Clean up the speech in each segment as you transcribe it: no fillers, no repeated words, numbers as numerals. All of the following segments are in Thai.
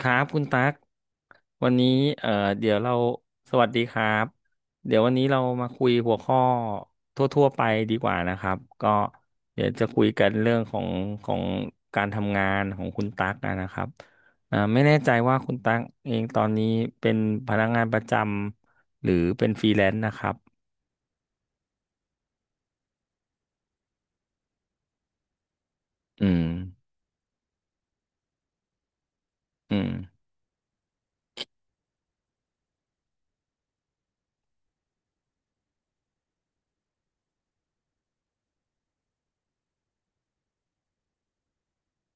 ครับคุณตั๊กวันนี้เอ่อเดี๋ยวเราสวัสดีครับเดี๋ยววันนี้เรามาคุยหัวข้อทั่วๆไปดีกว่านะครับก็เดี๋ยวจะคุยกันเรื่องของของการทำงานของคุณตั๊กนะครับไม่แน่ใจว่าคุณตั๊กเองตอนนี้เป็นพนักงานประจำหรือเป็นฟรีแลนซ์นะครับอืมอืม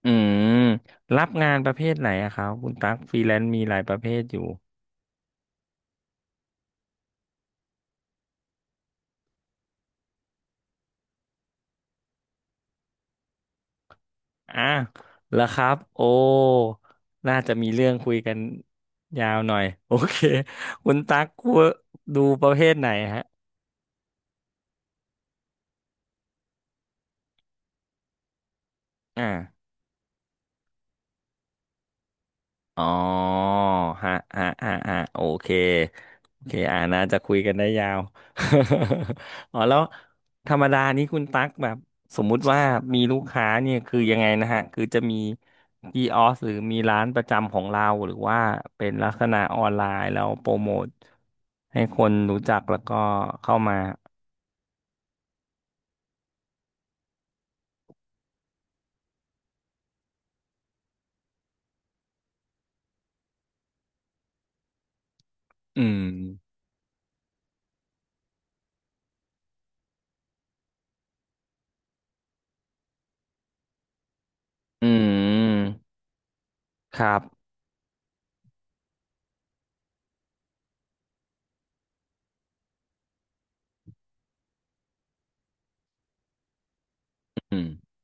อืมรับงานประเภทไหนอะครับคุณตั๊กฟรีแลนซ์มีหลายประเภทอยู่ อ่ะแล้วครับโอ้น่าจะมีเรื่องคุยกันยาวหน่อยโอเคคุณตั๊กกลัวดูประเภทไหนฮะอ่า อ๋อฮะโอเคโอเคน่าจะคุยกันได้ยาว อ๋อแล้วธรรมดานี้คุณตั๊กแบบสมมุติว่ามีลูกค้าเนี่ยคือยังไงนะฮะคือจะมีกีออสหรือมีร้านประจำของเราหรือว่าเป็นลักษณะออนไลน์แล้วโปรโมทให้คนรู้จักแล้วก็เข้ามาอืมอืมครับอืม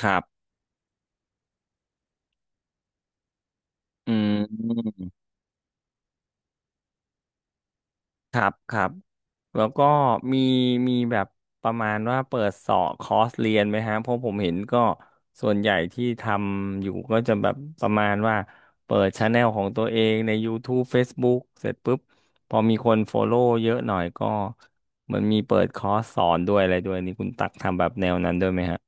ครับอืม ครับครับแล้วก็มีมีแบบประมาณว่าเปิดสอบคอร์สเรียนไหมฮะเพราะผมเห็นก็ส่วนใหญ่ที่ทำอยู่ก็จะแบบประมาณว่าเปิดช anel ของตัวเองใน YouTube Facebook เสร็จปุ๊บพอมีคน follow เยอะหน่อยก็เหมือนมีเปิดคอร์สสอนด้วยอะไรด้วยนี่คุณตักทำแบบแนวนั้นด้วยไหมฮะ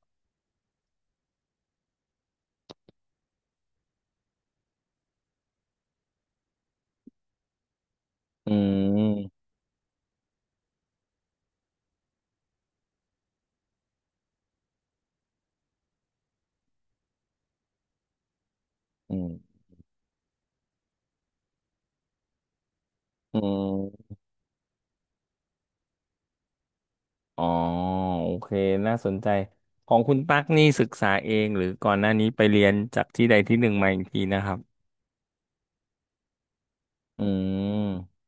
อืมอืมอืม อ๋อโอเคน่าสนใจของคุณตั๊กนี่ศึกษาเองหรือก่อนหน้านี้ไปเรียนจากที่ใดที่หนึ่งมาอีกทีนะครับอืม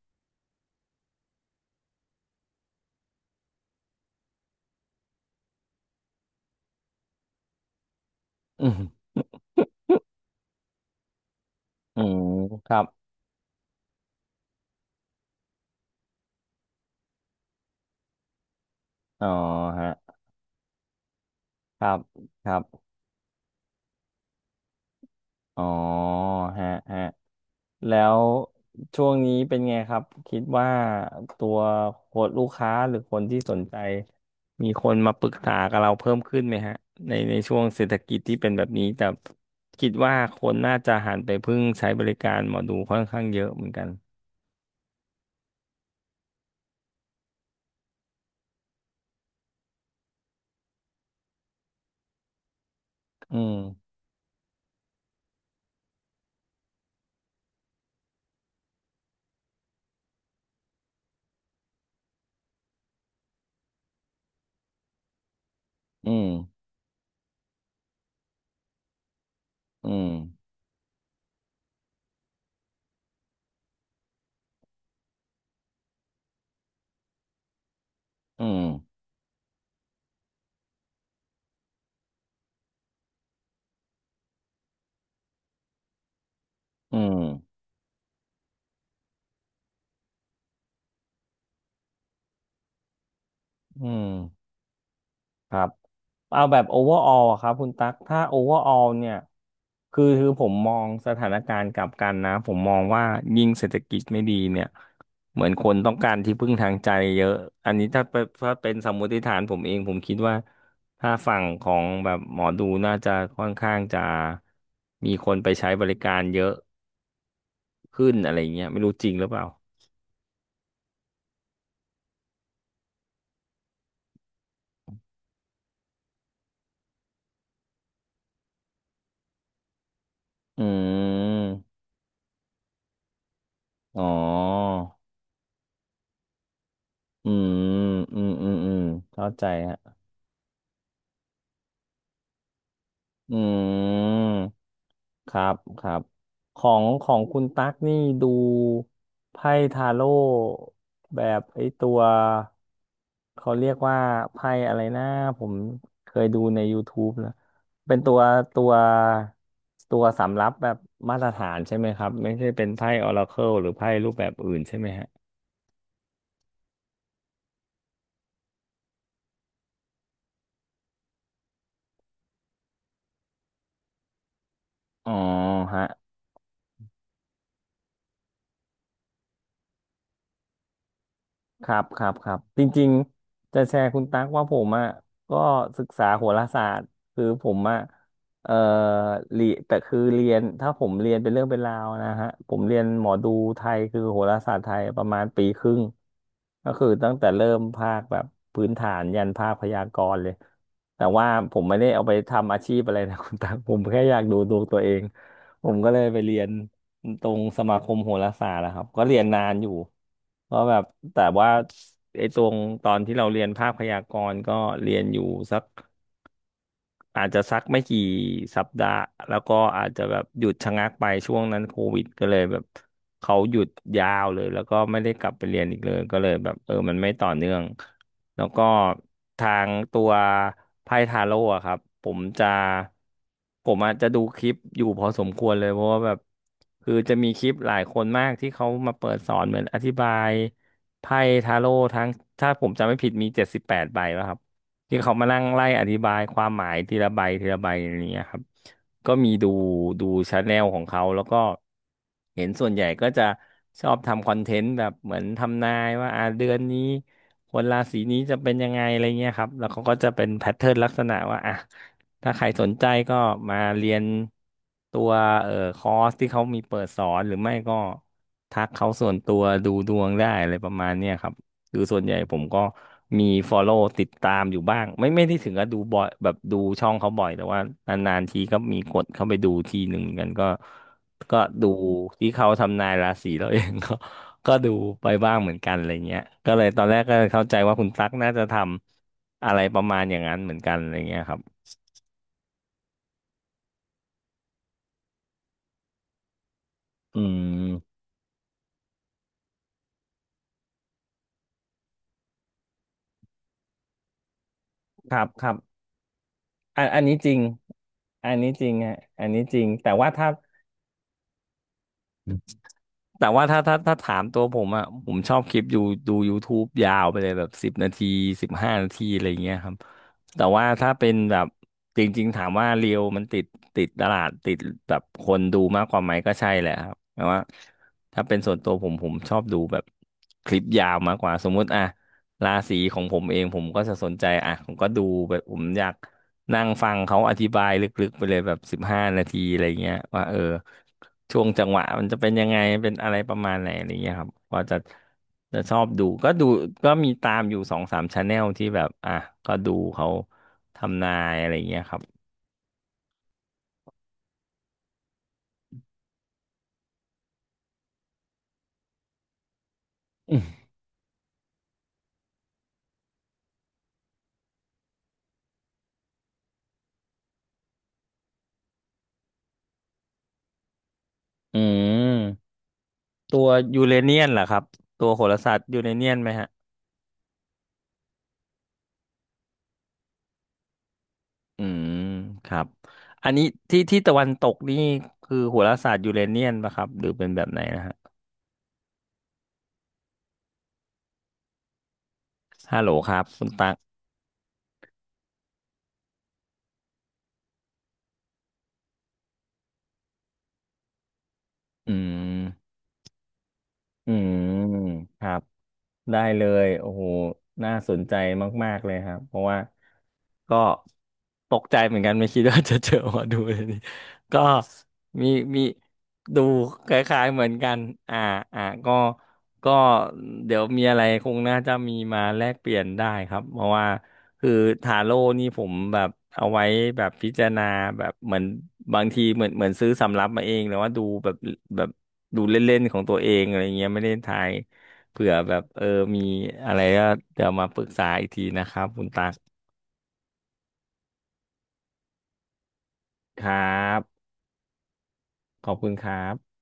อืมอืมครับอ๋อฮะครับครับอ๋อฮะฮะ แล้วช่วงนี้เป็นไงครับคิดว่าตัวคนลูกค้าหรือคนที่สนใจมีคนมาปรึกษากับเราเพิ่มขึ้นไหมฮะในช่วงเศรษฐกิจที่เป็นแบบนี้แต่คิดว่าคนน่าจะหันไปพึ่งใช้บริการหมอดูค่อนข้างเยอะเหมือนกันอืมอืมอืมอืมอืมอืม ครับเอาแบบ overall อะครับคุณตั๊กถ้า overall เนี่ยคือผมมองสถานการณ์กลับกันนะผมมองว่ายิ่งเศรษฐกิจไม่ดีเนี่ยเหมือนคนต้องการที่พึ่งทางใจเยอะอันนี้ถ้าเป็นสมมติฐานผมเองผมคิดว่าถ้าฝั่งของแบบหมอดูน่าจะค่อนข้างจะมีคนไปใช้บริการเยอะขึ้นอะไรเงี้ยไม่รู้จริงหรือเปล่าอืมอ๋ออืมอืมเข้าใจฮะ อืมครับครับของของคุณตั๊กนี่ดูไพ่ทาโร่แบบไอ้ตัวเขาเรียกว่าไพ่อะไรนะผมเคยดูใน YouTube นะเป็นตัวตัวตัวสำรับแบบมาตรฐานใช่ไหมครับไม่ใช่เป็นไพ่ออราเคิลหรือไพ่รูปแบบอื่นใช่ไหมฮะอ๋อฮะ ครับจริงๆจะแชร์คุณตั๊กว่าผมอ่ะก็ศึกษาโหราศาสตร์คือผมอ่ะเอ่อเรียแต่คือเรียนถ้าผมเรียนเป็นเรื่องเป็นราวนะฮะผมเรียนหมอดูไทยคือโหราศาสตร์ไทยประมาณปีครึ่งก็คือตั้งแต่เริ่มภาคแบบพื้นฐานยันภาคพยากรณ์เลยแต่ว่าผมไม่ได้เอาไปทำอาชีพอะไรนะ คุณตั๊กผมแค่อยากดูดวงตัวเองผมก็เลยไปเรียน ตรงสมาคมโหราศาสตร์นะครับก็เรียนนานอยู่เพราะแบบแต่ว่าไอ้ตรงตอนที่เราเรียนภาคพยากรณ์ก็เรียนอยู่สัก อาจจะสักไม่กี่สัปดาห์แล้วก็อาจจะแบบหยุดชะงักไปช่วงนั้นโควิดก็เลยแบบเขาหยุดยาวเลยแล้วก็ไม่ได้กลับไปเรียนอีกเลยก็เลยแบบเออมันไม่ต่อเนื่องแล้วก็ทางตัวไพ่ทาโร่อะครับผมอาจจะดูคลิปอยู่พอสมควรเลยเพราะว่าแบบคือจะมีคลิปหลายคนมากที่เขามาเปิดสอนเหมือนอธิบายไพ่ทาโร่ทั้งถ้าผมจำไม่ผิดมี78ใบแล้วครับ ที่เขามานั่งไล่อธิบายความหมายทีละใบทีละใบอะไรเงี้ยครับก็มีดูดูชาแนลของเขาแล้วก็เห็นส่วนใหญ่ก็จะชอบทำคอนเทนต์แบบเหมือนทำนายว่าอ่าเดือนนี้คนราศีนี้จะเป็นยังไงอะไรเงี้ยครับแล้วเขาก็จะเป็นแพทเทิร์นลักษณะว่าอ่ะถ้าใครสนใจก็มาเรียนตัวคอร์สที่เขามีเปิดสอนหรือไม่ก็ทักเขาส่วนตัวดูดวงได้อะไรประมาณเนี้ยครับ คือส่วนใหญ่ผมก็มี follow ติดตามอยู่บ้างไม่ได้ถึงกับดูบ่อยแบบดูช่องเขาบ่อยแต่ว่านานๆทีก็มีกดเข้าไปดูทีหนึ่งเหมือนกันก็ดูที่เขาทำนายราศีเราเองก็ ก็ดูไปบ้างเหมือนกันอะไรเงี้ยก็เลยตอนแรกก็เข้าใจว่าคุณตั๊กน่าจะทำอะไรประมาณอย่างนั้นเหมือนกันอะไรเงี้ยครับอืมครับครับอันนี้จริงอันนี้จริงฮะอันนี้จริงแต่ว่าถ้า แต่ว่าถ้าถามตัวผมอ่ะผมชอบคลิปดูดู YouTube ยาวไปเลยแบบ10 นาทีสิบห้านาทีอะไรอย่างเงี้ยครับแต่ว่าถ้าเป็นแบบจริงๆถามว่าเรียวมันติดติดตลาดติดแบบคนดูมากกว่าไหมก็ใช่แหละครับแต่ว่าถ้าเป็นส่วนตัวผมชอบดูแบบคลิปยาวมากกว่าสมมุติอ่ะราศีของผมเองผมก็จะสนใจอ่ะผมก็ดูแบบผมอยาก นั่งฟังเขาอธิบายลึกๆไปเลยแบบสิบห้านาทีอะไรเงี้ยว่าเออช่วงจังหวะมันจะเป็นยังไงเป็นอะไรประมาณไหนอะไรเงี้ยครับก็จะชอบดูก็ดูก็มีตามอยู่สองสามชาแนลที่แบบอ่ะก็ดูเขาทำนายอะไรเงี้ยครับอืมอืมตัวยูเรเนียนเหรอครับตัวโหราศาสตร์ยูเรเนียนไหมฮะอืมครับอันนี้ที่ตะวันตกนี่คือโหราศาสตร์ยูเรเนียนปะครับหรือเป็นแบบไหนนะฮะฮัลโหลครับคุณตักอืม อืมครับ ได้เลยโอ้โหน่าสนใจมากๆเลยครับเพราะว่าก็ตกใจเหมือนกันไม่คิดว่าจะเจอหมาดูเลยนี่ก็มีมีดูคล้ายๆเหมือนกันอ่าอ่าก็ก็เดี๋ยวมีอะไรคงน่าจะมีมาแลกเปลี่ยนได้ครับเพราะว่าคือทาโร่นี่ผมแบบเอาไว้แบบพิจารณาแบบเหมือนบางทีเหมือนซื้อสำรับมาเองหรือว่าดูแบบแบบดูเล่นๆของตัวเองอะไรเงี้ยไม่ได้ทาย เผื่อแบบเออมีอะไรก็เดี๋ยวมาปรึกษาอีกทีนะครับคุณตักครับขอบคุณครับ